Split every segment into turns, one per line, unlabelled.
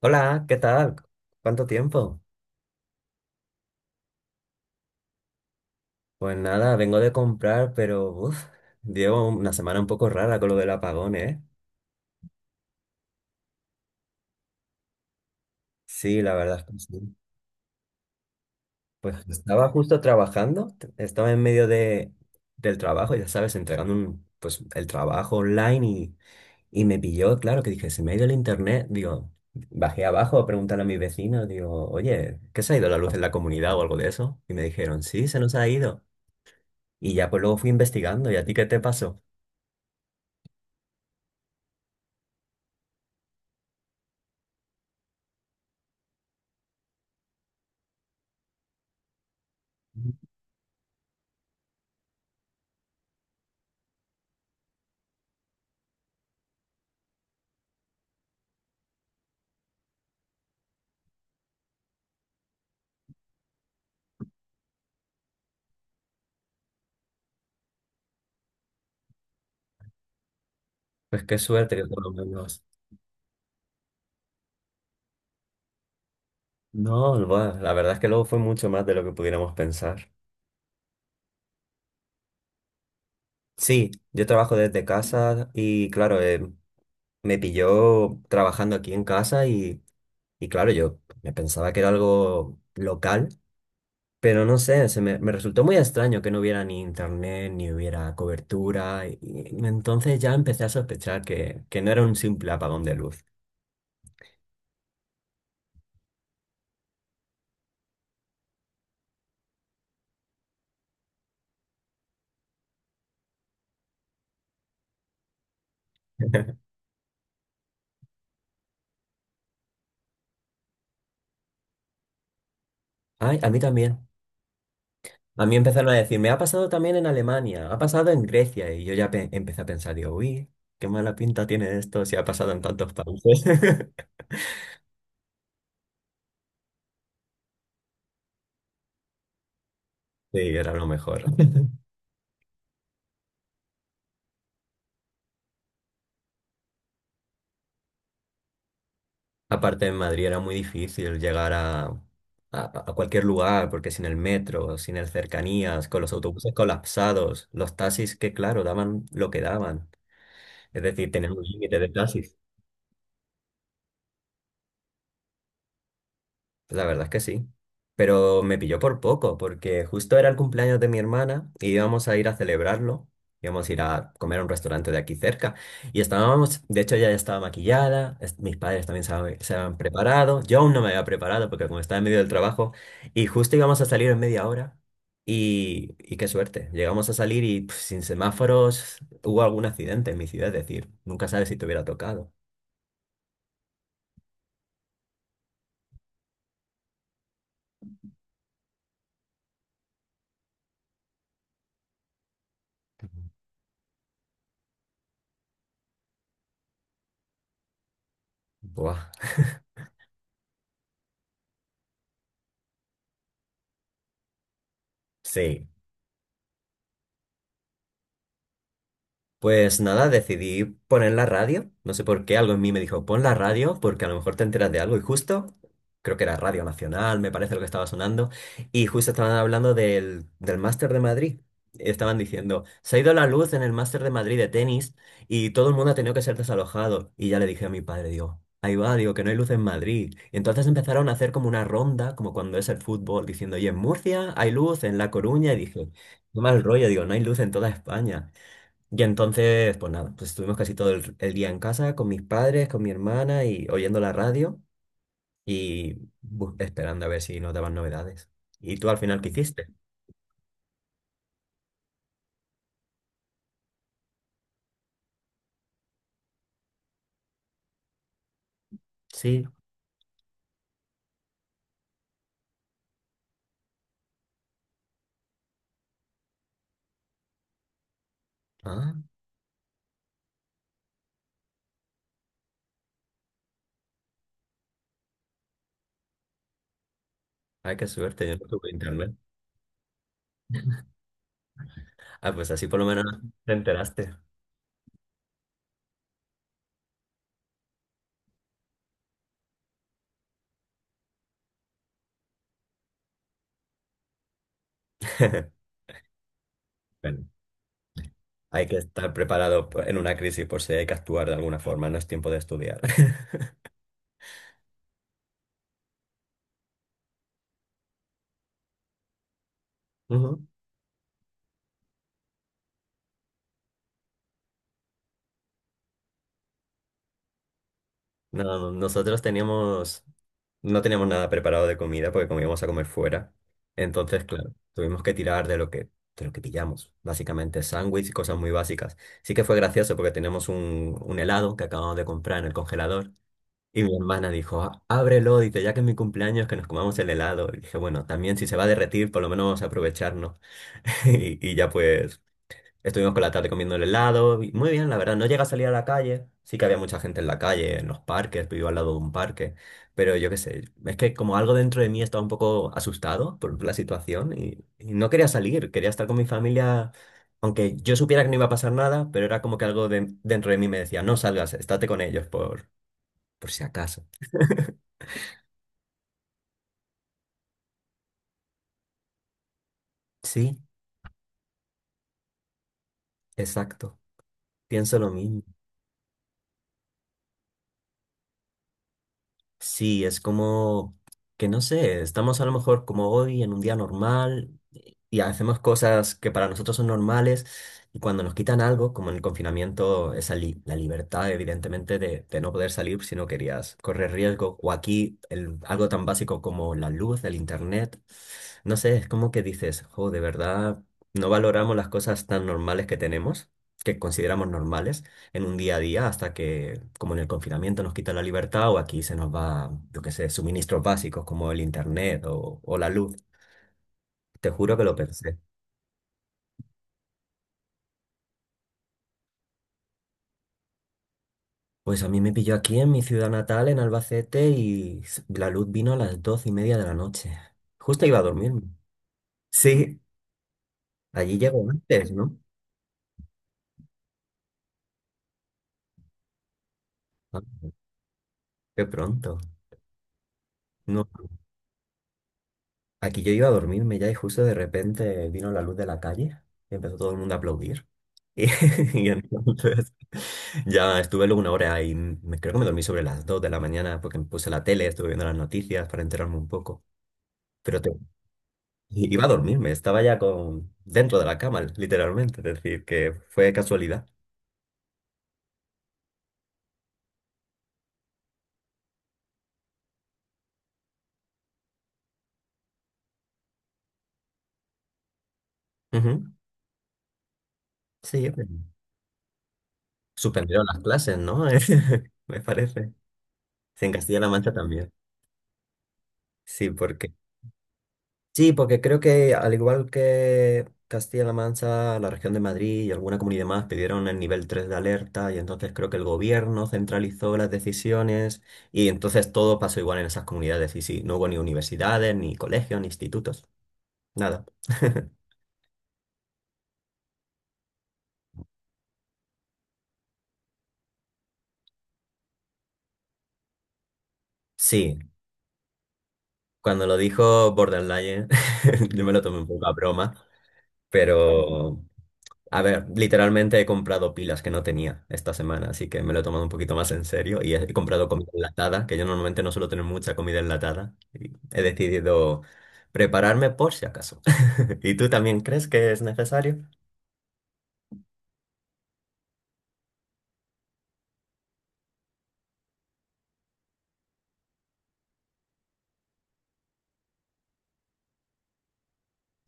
Hola, ¿qué tal? ¿Cuánto tiempo? Pues nada, vengo de comprar, pero uf, llevo una semana un poco rara con lo del apagón, ¿eh? Sí, la verdad es que sí. Pues estaba justo trabajando, estaba en medio de, del trabajo, ya sabes, entregando un, pues, el trabajo online y me pilló, claro, que dije, se me ha ido el internet. Digo, bajé abajo a preguntarle a mis vecinos, digo, oye, ¿qué se ha ido la luz en la comunidad o algo de eso? Y me dijeron, sí, se nos ha ido. Y ya pues luego fui investigando, ¿y a ti qué te pasó? Pues qué suerte que por lo menos. No, bueno, la verdad es que luego fue mucho más de lo que pudiéramos pensar. Sí, yo trabajo desde casa y claro, me pilló trabajando aquí en casa y claro, yo me pensaba que era algo local, pero no sé, me resultó muy extraño que no hubiera ni internet, ni hubiera cobertura. Y entonces ya empecé a sospechar que no era un simple apagón de luz. Ay, a mí también. A mí empezaron a decir, me ha pasado también en Alemania, ha pasado en Grecia, y yo ya empecé a pensar, digo, uy, qué mala pinta tiene esto si ha pasado en tantos países. Sí, era lo mejor. Aparte en Madrid era muy difícil llegar a cualquier lugar, porque sin el metro, sin el cercanías, con los autobuses colapsados, los taxis que claro, daban lo que daban, es decir, tenían un límite de taxis. La verdad es que sí. Pero me pilló por poco, porque justo era el cumpleaños de mi hermana y íbamos a ir a celebrarlo. Íbamos a ir a comer a un restaurante de aquí cerca. Y estábamos, de hecho, ella ya estaba maquillada, mis padres también se habían preparado. Yo aún no me había preparado porque como estaba en medio del trabajo, y justo íbamos a salir en media hora. Y qué suerte, llegamos a salir y pf, sin semáforos hubo algún accidente en mi ciudad, es decir, nunca sabes si te hubiera tocado. Buah. Sí. Pues nada, decidí poner la radio. No sé por qué, algo en mí me dijo, pon la radio porque a lo mejor te enteras de algo. Y justo, creo que era Radio Nacional, me parece lo que estaba sonando. Y justo estaban hablando del Máster de Madrid. Estaban diciendo, se ha ido la luz en el Máster de Madrid de tenis y todo el mundo ha tenido que ser desalojado. Y ya le dije a mi padre, digo, ahí va, digo que no hay luz en Madrid. Y entonces empezaron a hacer como una ronda, como cuando es el fútbol, diciendo, y en Murcia hay luz, en La Coruña. Y dije, qué mal rollo, digo, no hay luz en toda España. Y entonces, pues nada, pues estuvimos casi todo el día en casa con mis padres, con mi hermana y oyendo la radio y esperando a ver si nos daban novedades. ¿Y tú al final qué hiciste? Sí. Ah, ay, qué suerte, yo no tuve internet. Ah, pues así por lo menos te enteraste. Bueno, hay que estar preparado en una crisis por si hay que actuar de alguna forma, no es tiempo de estudiar. Ujú. No, nosotros teníamos No teníamos nada preparado de comida porque como íbamos a comer fuera. Entonces, claro, tuvimos que tirar de de lo que pillamos. Básicamente sándwich y cosas muy básicas. Sí que fue gracioso porque tenemos un helado que acabamos de comprar en el congelador. Y mi hermana dijo, "Ah, ábrelo, dice, ya que es mi cumpleaños, que nos comamos el helado." Y dije, bueno, también si se va a derretir, por lo menos vamos a aprovecharnos. Y, y ya pues Estuvimos con la tarde comiendo el helado. Y muy bien, la verdad. No llega a salir a la calle. Sí que había mucha gente en la calle, en los parques. Vivo al lado de un parque. Pero yo qué sé. Es que como algo dentro de mí estaba un poco asustado por la situación y no quería salir. Quería estar con mi familia. Aunque yo supiera que no iba a pasar nada, pero era como que dentro de mí me decía, no salgas, estate con ellos por si acaso. Sí, exacto. Pienso lo mismo. Sí, es como que no sé, estamos a lo mejor como hoy en un día normal y hacemos cosas que para nosotros son normales y cuando nos quitan algo, como en el confinamiento, esa la libertad evidentemente de no poder salir si no querías correr riesgo o aquí algo tan básico como la luz, el internet, no sé, es como que dices, jo, de verdad, no valoramos las cosas tan normales que tenemos, que consideramos normales en un día a día hasta que, como en el confinamiento, nos quita la libertad o aquí se nos va, yo qué sé, suministros básicos como el internet o la luz. Te juro que lo pensé. Pues a mí me pilló aquí en mi ciudad natal, en Albacete, y la luz vino a las 12:30 de la noche. Justo iba a dormirme. Sí, allí llego antes, ¿no? Ah, qué pronto. No. Aquí yo iba a dormirme ya y justo de repente vino la luz de la calle y empezó todo el mundo a aplaudir. Y, y entonces ya estuve luego una hora y creo que me dormí sobre las 2:00 de la mañana porque me puse la tele, estuve viendo las noticias para enterarme un poco. Pero te- iba a dormirme, estaba ya con, dentro de la cama, literalmente. Es decir, que fue casualidad. Ujú. Sí, suspendieron las clases, ¿no? Me parece. Sí, en Castilla-La Mancha también. Sí, porque Sí, porque creo que al igual que Castilla-La Mancha, la región de Madrid y alguna comunidad más pidieron el nivel 3 de alerta y entonces creo que el gobierno centralizó las decisiones y entonces todo pasó igual en esas comunidades y sí, no hubo ni universidades, ni colegios, ni institutos, nada. Sí, cuando lo dijo Borderline, yo me lo tomé un poco a broma, pero, a ver, literalmente he comprado pilas que no tenía esta semana, así que me lo he tomado un poquito más en serio y he comprado comida enlatada, que yo normalmente no suelo tener mucha comida enlatada. Y he decidido prepararme por si acaso. ¿Y tú también crees que es necesario?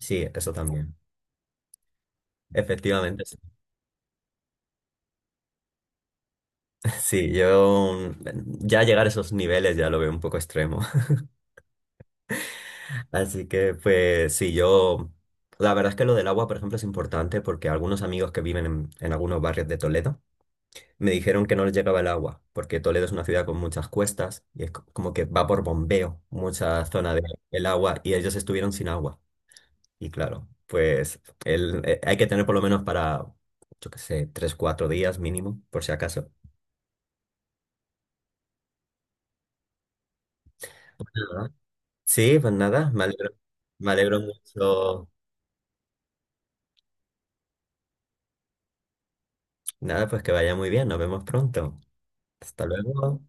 Sí, eso también. Efectivamente, sí. Sí, yo ya llegar a esos niveles ya lo veo un poco extremo. Así que, pues sí, yo... La verdad es que lo del agua, por ejemplo, es importante porque algunos amigos que viven en algunos barrios de Toledo, me dijeron que no les llegaba el agua, porque Toledo es una ciudad con muchas cuestas y es como que va por bombeo mucha zona del agua y ellos estuvieron sin agua. Y claro, pues hay que tener por lo menos para, yo qué sé, 3, 4 días mínimo, por si acaso. ¿Verdad? Sí, pues nada, me alegro mucho. Nada, pues que vaya muy bien, nos vemos pronto. Hasta luego.